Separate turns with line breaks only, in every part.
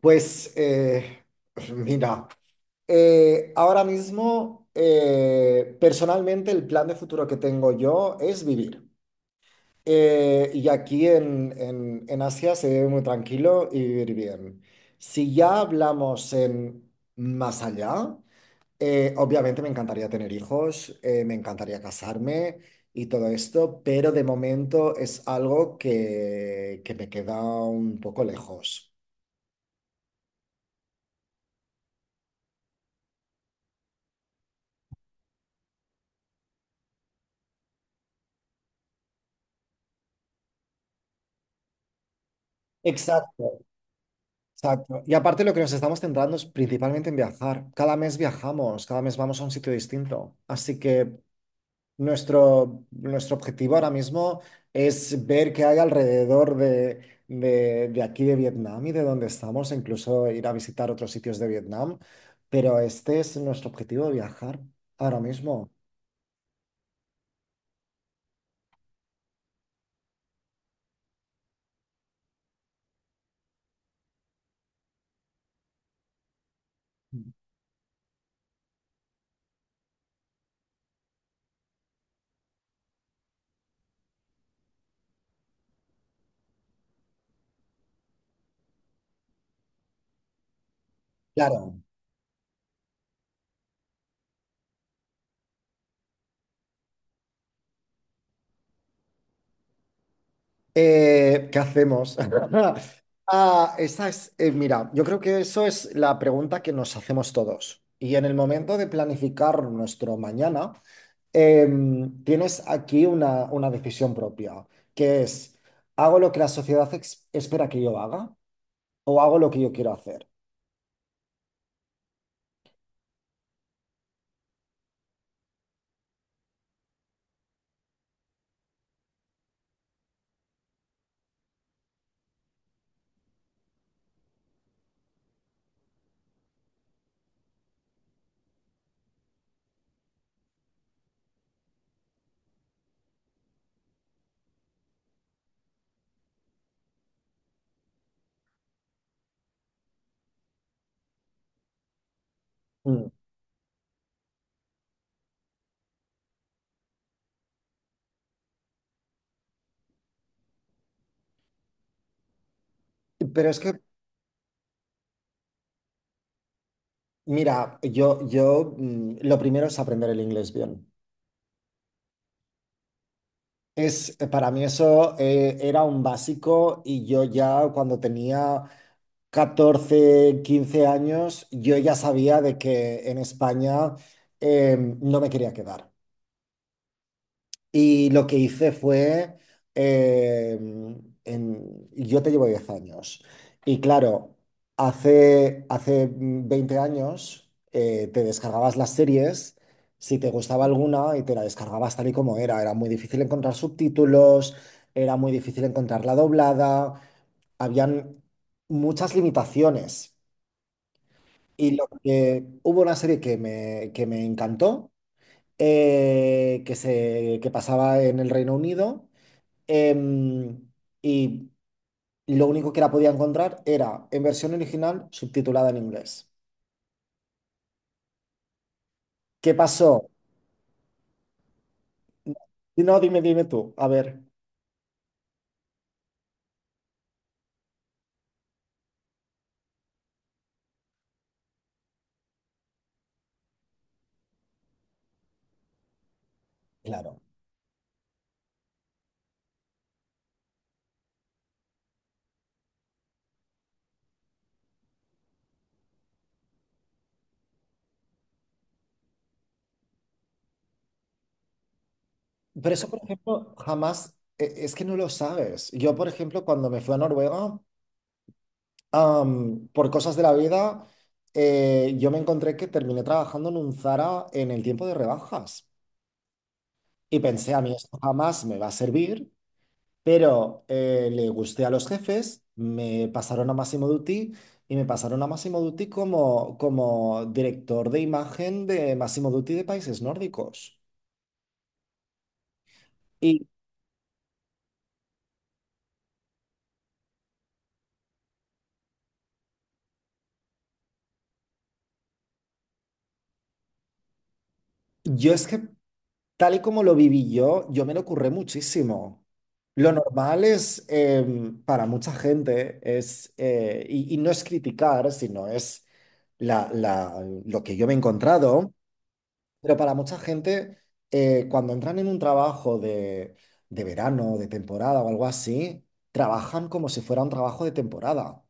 Pues, mira, ahora mismo personalmente el plan de futuro que tengo yo es vivir. Y aquí en Asia se vive muy tranquilo y vivir bien. Si ya hablamos en más allá, obviamente me encantaría tener hijos, me encantaría casarme y todo esto, pero de momento es algo que me queda un poco lejos. Exacto. Exacto. Y aparte lo que nos estamos centrando es principalmente en viajar. Cada mes viajamos, cada mes vamos a un sitio distinto. Así que nuestro objetivo ahora mismo es ver qué hay alrededor de aquí de Vietnam y de donde estamos, e incluso ir a visitar otros sitios de Vietnam. Pero este es nuestro objetivo de viajar ahora mismo. Claro. ¿Qué hacemos? Ah, esa es, mira, yo creo que eso es la pregunta que nos hacemos todos. Y en el momento de planificar nuestro mañana, tienes aquí una decisión propia, que es, ¿hago lo que la sociedad espera que yo haga o hago lo que yo quiero hacer? Mm. Pero es que, mira, yo, lo primero es aprender el inglés bien. Es, para mí eso era un básico y yo ya cuando tenía 14 15 años, yo ya sabía de que en España no me quería quedar. Y lo que hice fue, eh, yo te llevo 10 años. Y claro, hace 20 años te descargabas las series, si te gustaba alguna, y te la descargabas tal y como era. Era muy difícil encontrar subtítulos, era muy difícil encontrarla doblada, habían muchas limitaciones. Y lo que hubo una serie que me encantó, que pasaba en el Reino Unido, Em, y lo único que la podía encontrar era en versión original subtitulada en inglés. ¿Qué pasó? Y no, dime, dime tú. A ver, claro. Pero eso, por ejemplo, jamás, es que no lo sabes. Yo, por ejemplo, cuando me fui a Noruega, por cosas de la vida, yo me encontré que terminé trabajando en un Zara en el tiempo de rebajas. Y pensé, a mí esto jamás me va a servir. Pero le gusté a los jefes, me pasaron a Massimo Dutti y me pasaron a Massimo Dutti como, director de imagen de Massimo Dutti de países nórdicos. Y yo es que, tal y como lo viví yo, me lo curré muchísimo. Lo normal es, para mucha gente, es, y no es criticar, sino es lo que yo me he encontrado. Pero para mucha gente, cuando entran en un trabajo de verano, de temporada o algo así, trabajan como si fuera un trabajo de temporada.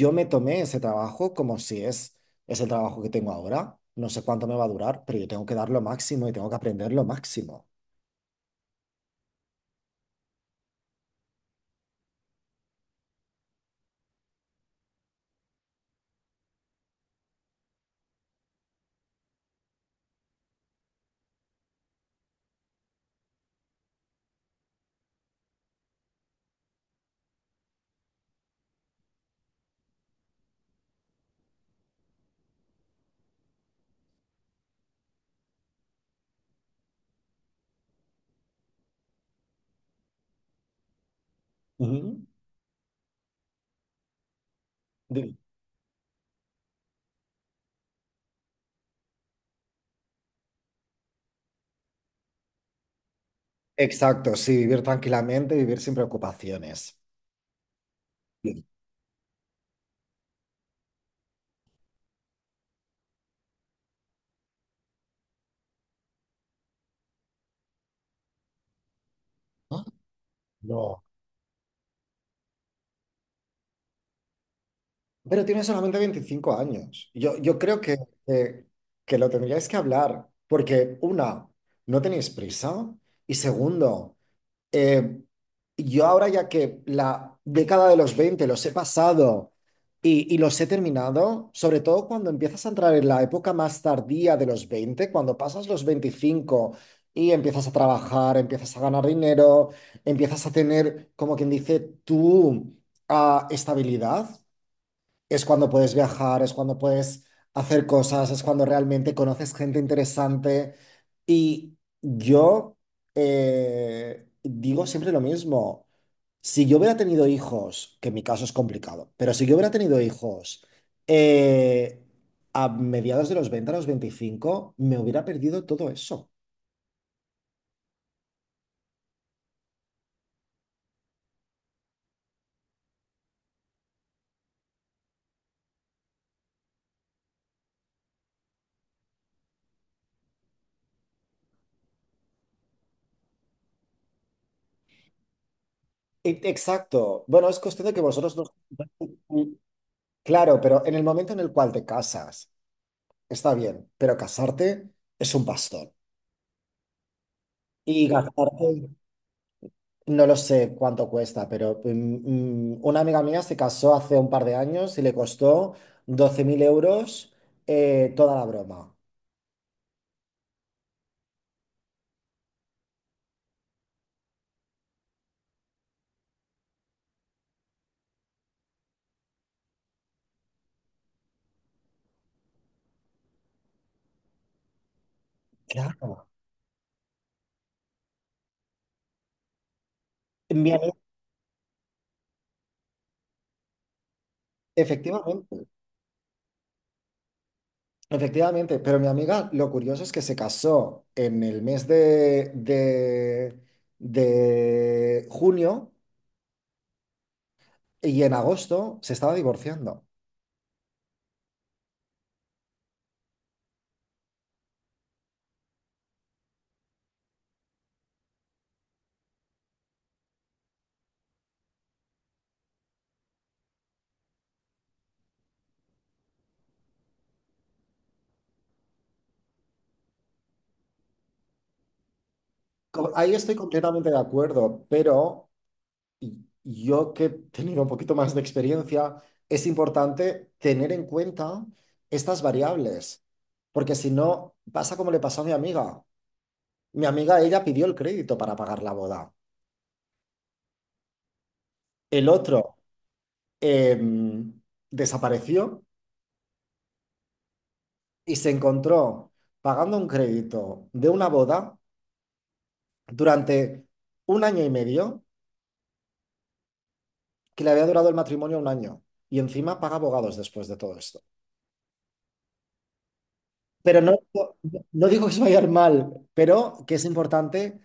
Yo me tomé ese trabajo como si es el trabajo que tengo ahora. No sé cuánto me va a durar, pero yo tengo que dar lo máximo y tengo que aprender lo máximo. Ujú. Vi- Exacto, sí, vivir tranquilamente, vivir sin preocupaciones. Bien. Ah, no. Pero tiene solamente 25 años. Yo, creo que, que lo tendríais que hablar, porque una, no tenéis prisa, y segundo, eh, yo ahora ya que la década de los 20 los he pasado y los he terminado, sobre todo cuando empiezas a entrar en la época más tardía de los 20 cuando pasas los 25 y empiezas a trabajar, empiezas a ganar dinero, empiezas a tener, como quien dice, tu estabilidad, es cuando puedes viajar, es cuando puedes hacer cosas, es cuando realmente conoces gente interesante. Y yo digo siempre lo mismo. Si yo hubiera tenido hijos, que en mi caso es complicado, pero si yo hubiera tenido hijos, eh, a mediados de los 20 a los 25 me hubiera perdido todo eso. Exacto. Bueno, es cuestión de que vosotros no... Claro, pero en el momento en el cual te casas, está bien, pero casarte es un bastón. Y gastarte, no lo sé cuánto cuesta, pero una amiga mía se casó hace un par de años y le costó 12.000 euros, toda la broma. Claro. Mi ami- Efectivamente. Efectivamente, pero mi amiga, lo curioso es que se casó en el mes de junio y en agosto se estaba divorciando. Ahí estoy completamente de acuerdo, pero y yo que he tenido un poquito más de experiencia, es importante tener en cuenta estas variables, porque si no, pasa como le pasó a mi amiga. Mi amiga, ella pidió el crédito para pagar la boda. El otro em, desapareció y se encontró pagando un crédito de una boda durante un año y medio, que le había durado el matrimonio un año. Y encima paga abogados después de todo esto. Pero no, no, no digo que se vaya a ir mal, pero que es importante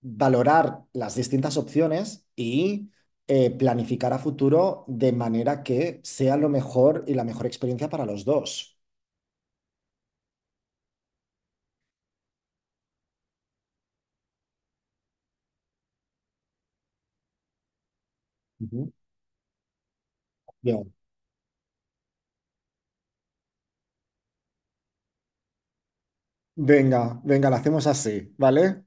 valorar las distintas opciones y planificar a futuro de manera que sea lo mejor y la mejor experiencia para los dos. Ujú. Bien. Venga, venga, lo hacemos así, ¿vale?